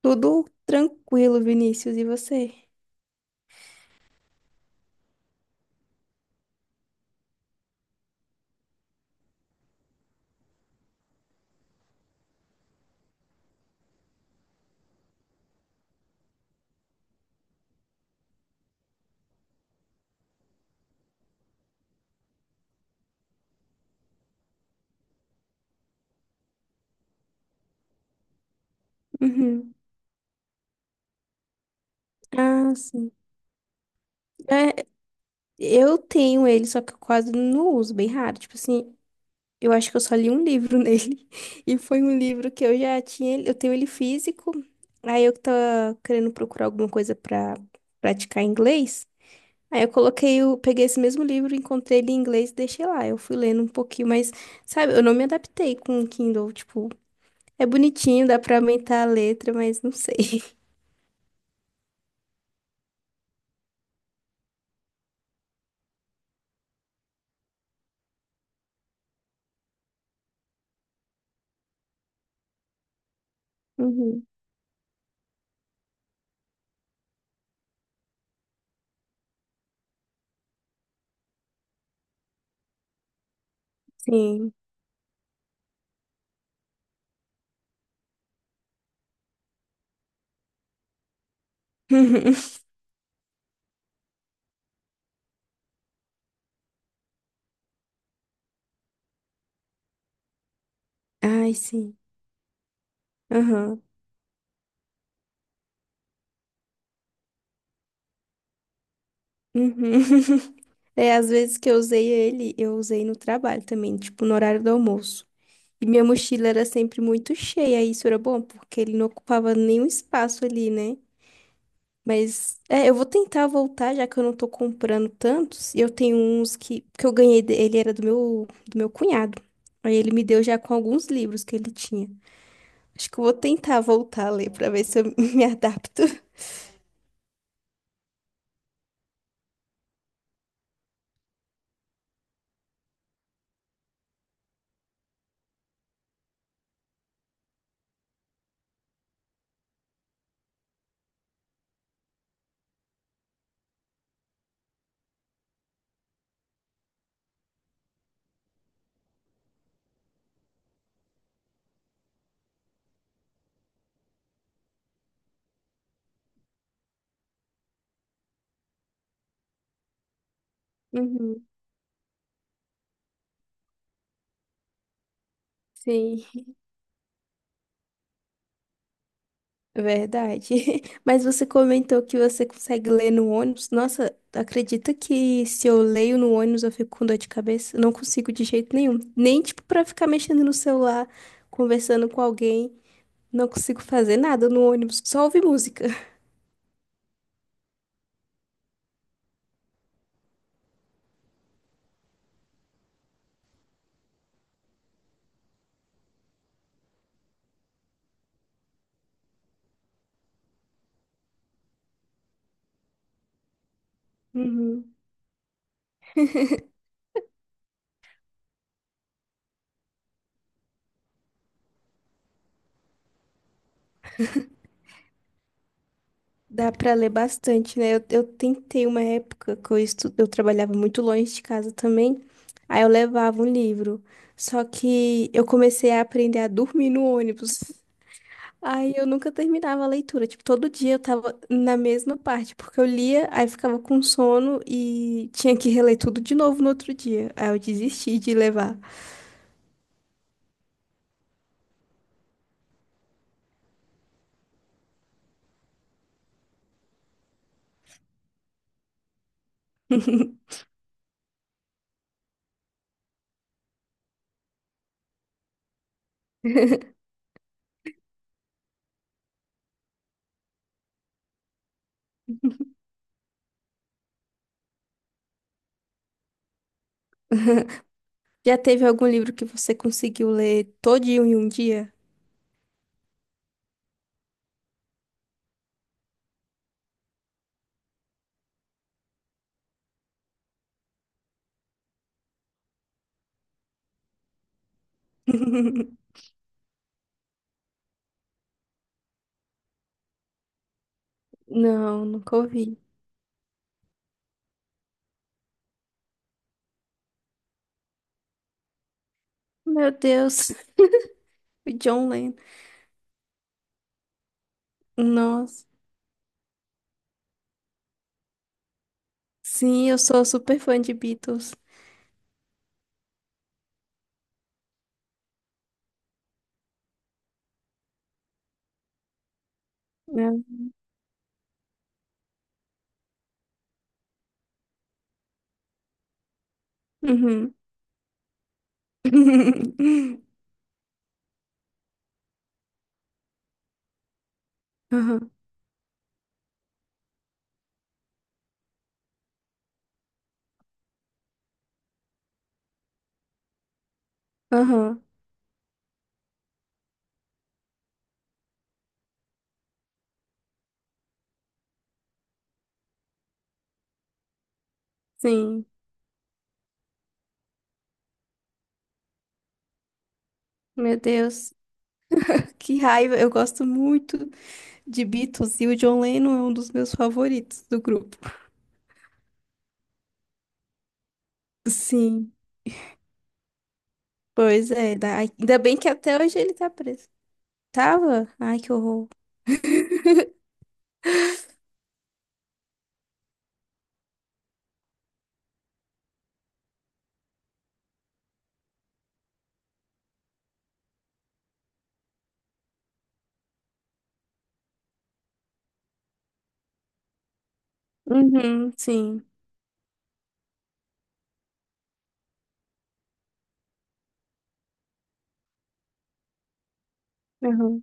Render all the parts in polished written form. Tudo tranquilo, Vinícius, e você? Uhum. Ah, sim. É, eu tenho ele, só que eu quase não uso, bem raro. Tipo assim, eu acho que eu só li um livro nele. E foi um livro que eu já tinha, eu tenho ele físico. Aí eu que tava querendo procurar alguma coisa pra praticar inglês. Aí eu coloquei, o peguei esse mesmo livro, encontrei ele em inglês e deixei lá. Eu fui lendo um pouquinho, mas, sabe, eu não me adaptei com o Kindle. Tipo, é bonitinho, dá pra aumentar a letra, mas não sei. Uhum. Sim. Ai, sim. Aham. Uhum. É, às vezes que eu usei ele, eu usei no trabalho também, tipo, no horário do almoço. E minha mochila era sempre muito cheia, e isso era bom, porque ele não ocupava nenhum espaço ali, né? Mas, é, eu vou tentar voltar, já que eu não tô comprando tantos. E eu tenho uns que eu ganhei, de- ele era do meu cunhado. Aí ele me deu já com alguns livros que ele tinha. Acho que eu vou tentar voltar a ler pra ver se eu me adapto. Uhum. Sim. Verdade. Mas você comentou que você consegue ler no ônibus. Nossa, acredita que se eu leio no ônibus eu fico com dor de cabeça? Eu não consigo de jeito nenhum. Nem tipo pra ficar mexendo no celular, conversando com alguém. Não consigo fazer nada no ônibus, só ouvir música. Uhum. Dá pra ler bastante, né? Eu tentei uma época que eu, eu trabalhava muito longe de casa também. Aí eu levava um livro. Só que eu comecei a aprender a dormir no ônibus. Aí eu nunca terminava a leitura. Tipo, todo dia eu tava na mesma parte, porque eu lia, aí ficava com sono e tinha que reler tudo de novo no outro dia. Aí eu desisti de levar. Já teve algum livro que você conseguiu ler todinho em um dia? Não, nunca ouvi. Meu Deus, o John Lennon. Nossa. Sim, eu sou super fã de Beatles. Né? Uhum. Aham, aham. Sim. Meu Deus. Que raiva, eu gosto muito de Beatles e o John Lennon é um dos meus favoritos do grupo. Sim, pois é. Ainda bem que até hoje ele tá preso. Tava? Ai, que horror. Uhum, sim. Uhum.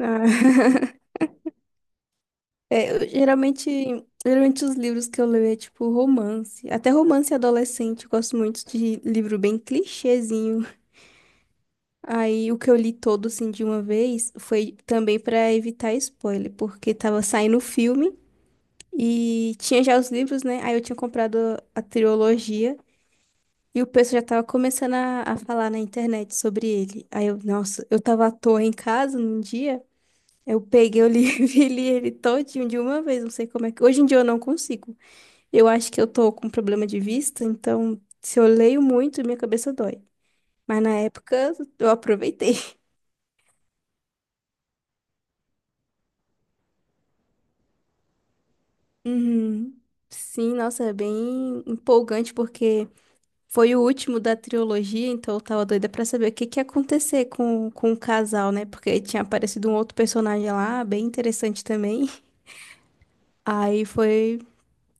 Ah. É, geralmente, geralmente os livros que eu leio é tipo romance. Até romance adolescente, eu gosto muito de livro bem clichêzinho. Aí o que eu li todo assim de uma vez foi também pra evitar spoiler, porque tava saindo o filme. E tinha já os livros, né? Aí eu tinha comprado a trilogia e o pessoal já tava começando a falar na internet sobre ele. Aí eu, nossa, eu tava à toa em casa num dia, eu peguei o livro e li ele todinho de uma vez, não sei como é que. Hoje em dia eu não consigo. Eu acho que eu tô com problema de vista, então se eu leio muito, minha cabeça dói. Mas na época eu aproveitei. Uhum. Sim, nossa, é bem empolgante porque foi o último da trilogia, então eu tava doida pra saber o que que ia acontecer com o casal, né? Porque tinha aparecido um outro personagem lá, bem interessante também. Aí foi.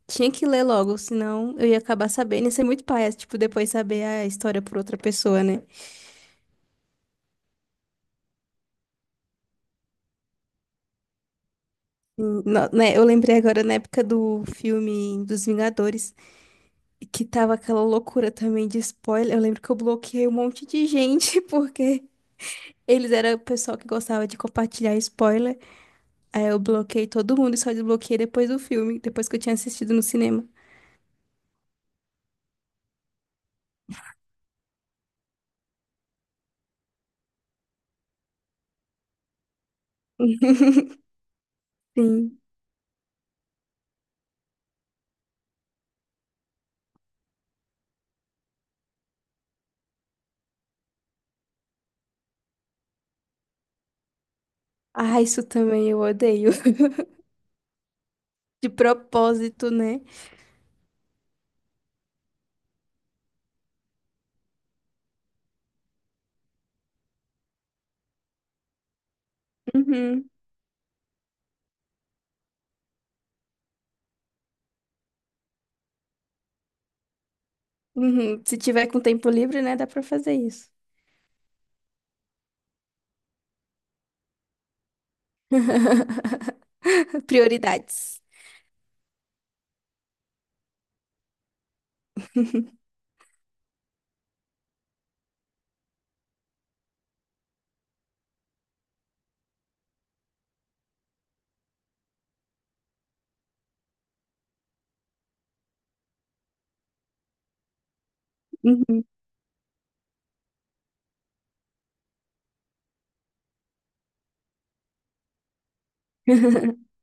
Tinha que ler logo, senão eu ia acabar sabendo. Isso é muito paia, tipo, depois saber a história por outra pessoa, né? Né? Eu lembrei agora na época do filme dos Vingadores, que tava aquela loucura também de spoiler. Eu lembro que eu bloqueei um monte de gente, porque eles eram o pessoal que gostava de compartilhar spoiler. Aí eu bloqueei todo mundo e só desbloqueei depois do filme, depois que eu tinha assistido no cinema. Sim. Ah, isso também eu odeio. De propósito, né? Uhum, uhum. Se tiver com tempo livre, né, dá pra fazer isso. Prioridades. Uhum.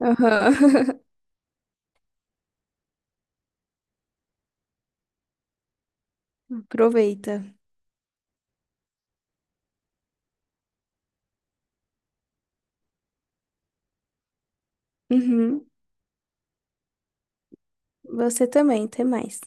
Aham. Aproveita. Uhum. Você também, até mais.